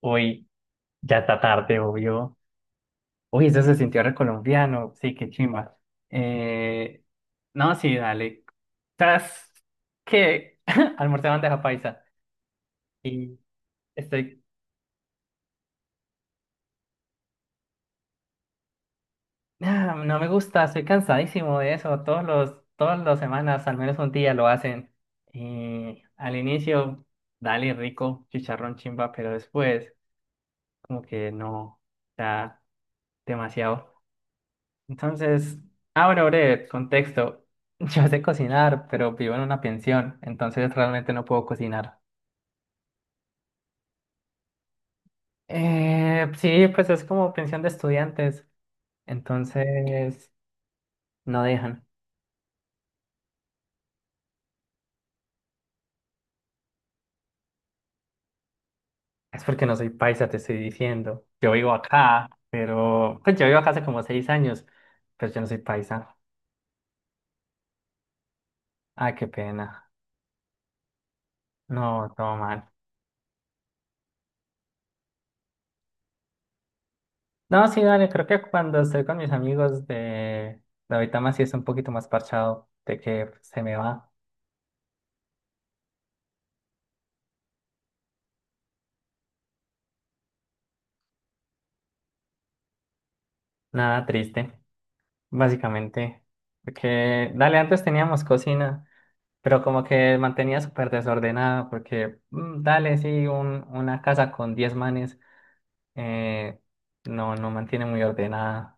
Uy, ya está tarde, obvio. Uy, eso se sintió recolombiano. Sí, qué chimba. Eh, no, sí, dale. ¿Sabes qué? Almorcé bandeja paisa. Y estoy. Ah, no me gusta, estoy cansadísimo de eso. Todas las semanas, al menos un día lo hacen. Y al inicio, dale rico, chicharrón chimba, pero después, como que no. Está demasiado. Entonces, ah, bueno, breve, contexto. Yo sé cocinar, pero vivo en una pensión, entonces realmente no puedo cocinar. Sí, pues es como pensión de estudiantes, entonces no dejan. Es porque no soy paisa, te estoy diciendo. Yo vivo acá, pero pues yo vivo acá hace como seis años, pero yo no soy paisa. Ah, qué pena. No, todo mal. No, sí, dale, creo que cuando estoy con mis amigos de ahorita más sí es un poquito más parchado de que se me va. Nada triste, básicamente. Porque, dale, antes teníamos cocina, pero como que mantenía súper desordenada, porque, dale, sí, una casa con 10 manes eh, no, no mantiene muy ordenada.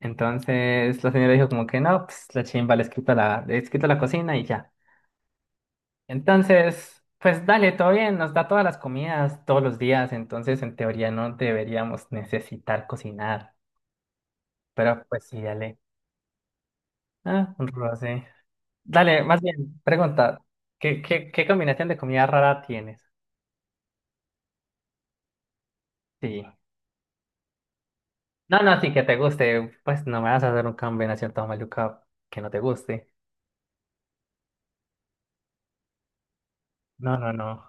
Entonces la señora dijo como que no, pues la chimba, les quito la cocina y ya. Entonces, pues dale, todo bien, nos da todas las comidas todos los días, entonces en teoría no deberíamos necesitar cocinar, pero pues sí, dale. Ah, un roce. Dale, más bien, pregunta, ¿ qué combinación de comida rara tienes? Sí. No, no, sí, que te guste, pues no me vas a hacer una combinación tan maluca que no te guste. No, no, no.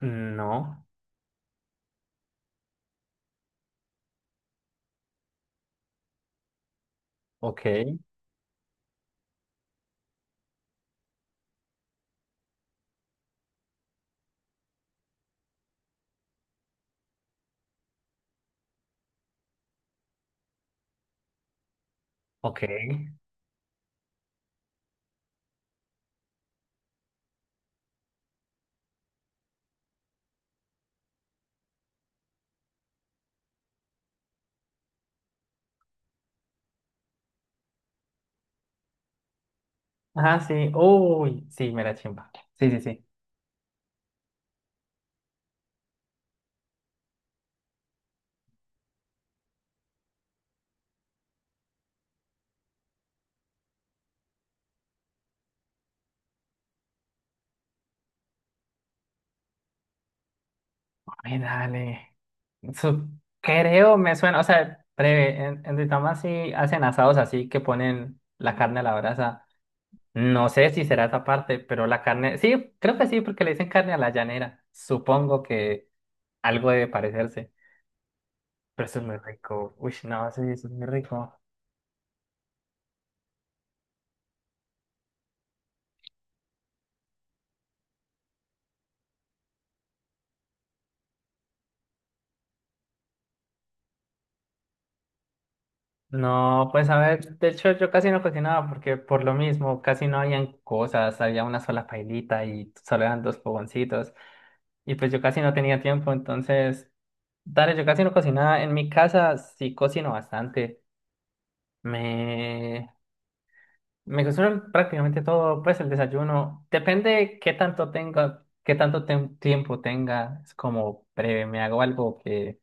No, ok, ok. Ajá, sí, uy, sí, me la chimba. Sí, sí, sí. Ay, dale. Su- Creo, me suena, o sea, breve, en Duitama sí hacen asados así que ponen la carne a la brasa. No sé si será esa parte, pero la carne, sí, creo que sí, porque le dicen carne a la llanera. Supongo que algo debe parecerse, pero eso es muy rico. Uy, no, sí, eso es muy rico. No, pues a ver, de hecho yo casi no cocinaba porque por lo mismo casi no habían cosas, había una sola pailita y solo eran dos fogoncitos y pues yo casi no tenía tiempo, entonces, dale, yo casi no cocinaba. En mi casa sí cocino bastante. Me Me cocino prácticamente todo, pues el desayuno. Depende qué tanto tenga, qué tanto tiempo tenga. Es como breve, me hago algo que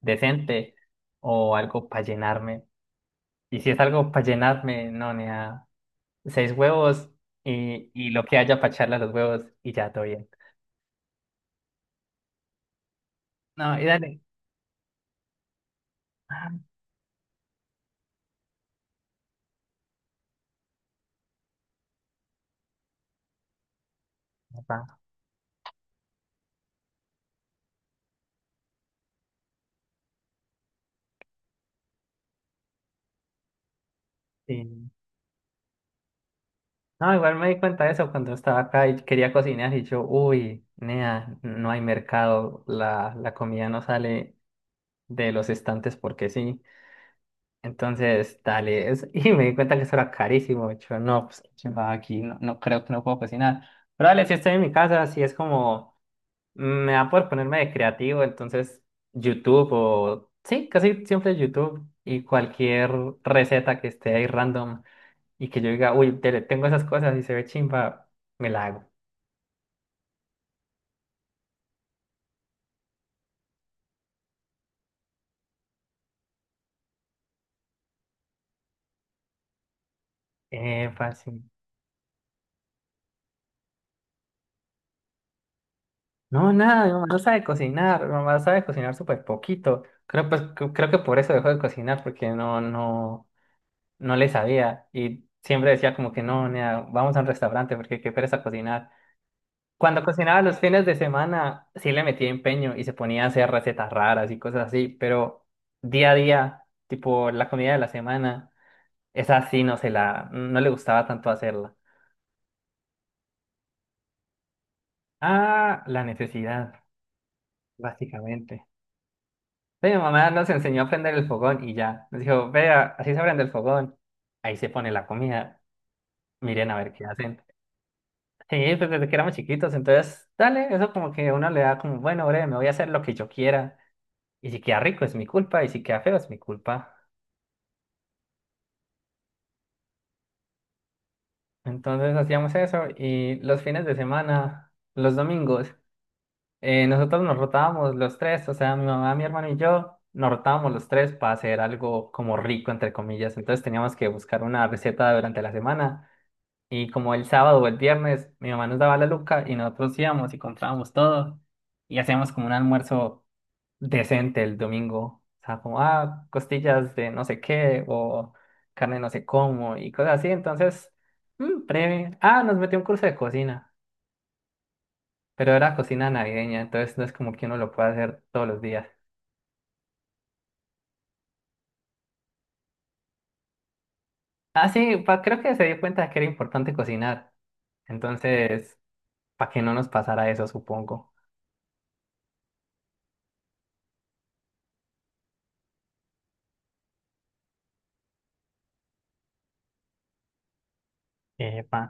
decente o algo para llenarme. Y si es algo para llenarme, no, ni a seis huevos y lo que haya para echarle a los huevos y ya todo bien. No, y dale. Ah, papá, sí. No, igual me di cuenta de eso cuando estaba acá y quería cocinar y yo, uy, nea, no hay mercado, la comida no sale de los estantes porque sí. Entonces, dale, y me di cuenta que eso era carísimo. Yo, no, pues qué chimba, aquí no, no creo que no puedo cocinar. Pero dale, si estoy en mi casa, si es como, me da por ponerme de creativo, entonces YouTube o, sí, casi siempre YouTube y cualquier receta que esté ahí random y que yo diga, uy, tengo esas cosas y se ve chimba, me la hago. Fácil. No, nada, mi mamá no sabe cocinar, mi mamá sabe cocinar súper poquito. Creo, pues, creo que por eso dejó de cocinar, porque no, no, no le sabía. Y siempre decía como que no, nea, vamos a un restaurante porque qué pereza cocinar. Cuando cocinaba los fines de semana, sí le metía empeño y se ponía a hacer recetas raras y cosas así, pero día a día, tipo la comida de la semana, esa sí no se la, no le gustaba tanto hacerla. Ah, la necesidad, básicamente. Sí, mi mamá nos enseñó a prender el fogón y ya. Nos dijo, vea, así se prende el fogón. Ahí se pone la comida. Miren a ver qué hacen. Sí, pues desde que éramos chiquitos, entonces, dale, eso como que uno le da como, bueno, breve, me voy a hacer lo que yo quiera. Y si queda rico es mi culpa, y si queda feo es mi culpa. Entonces hacíamos eso y los fines de semana, los domingos, nosotros nos rotábamos los tres, o sea, mi mamá, mi hermano y yo. Nos rotábamos los tres para hacer algo como rico, entre comillas. Entonces teníamos que buscar una receta durante la semana. Y como el sábado o el viernes, mi mamá nos daba la luca y nosotros íbamos y comprábamos todo y hacíamos como un almuerzo decente el domingo. O sea, como, ah, costillas de no sé qué o carne no sé cómo y cosas así. Entonces, breve. Ah, nos metió un curso de cocina, pero era cocina navideña, entonces no es como que uno lo pueda hacer todos los días. Ah, sí, creo que se dio cuenta de que era importante cocinar. Entonces, para que no nos pasara eso, supongo. Epa.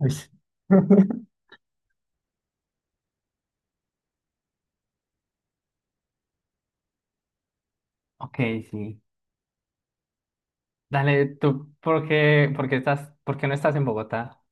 Uy. Ok, sí. Dale, tú, ¿ por qué estás, por qué no estás en Bogotá?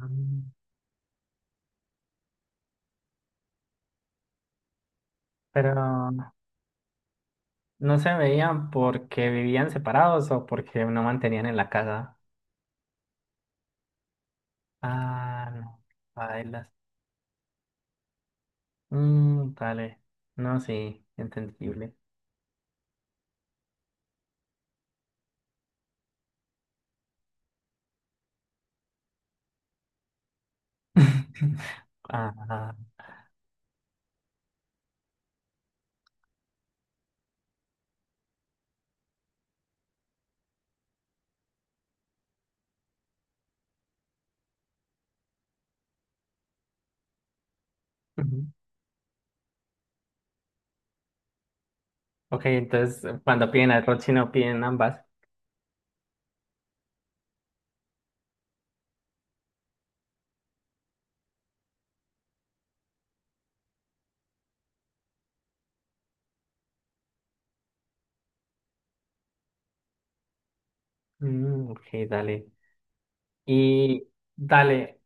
Mm. Pero no se veían porque vivían separados o porque no mantenían en la casa. Ah, no. Bailas. Mm, dale. No, sí, entendible. Ah, ujú. Ok, entonces cuando piden arroz chino piden ambas. Mm, ok, dale. Y dale.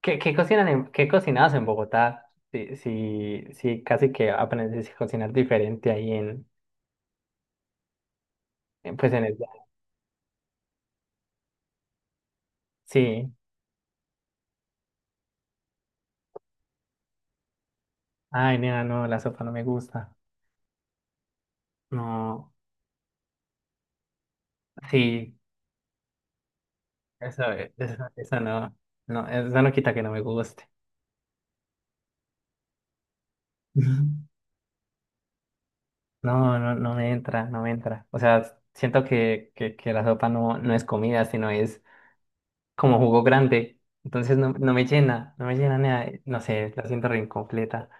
¿Qué cocinan en, qué cocinabas en Bogotá? Sí, sí, sí, casi que aprendes a cocinar diferente ahí en, pues en el... Sí. Ay, nena, no, la sopa no me gusta. No, sí, eso, eso no, no, eso no quita que no me guste. Ujú. No, no, no me entra, no me entra. O sea, siento que la sopa no, no es comida, sino es como jugo grande. Entonces no, no me llena, no me llena nada. No sé, la siento re incompleta.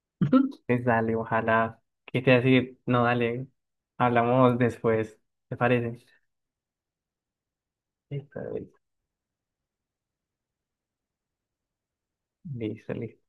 Ujú. Pues dale, ojalá. ¿Qué te iba a decir? No, dale. Hablamos después. ¿Te parece? Listo, listo, listo.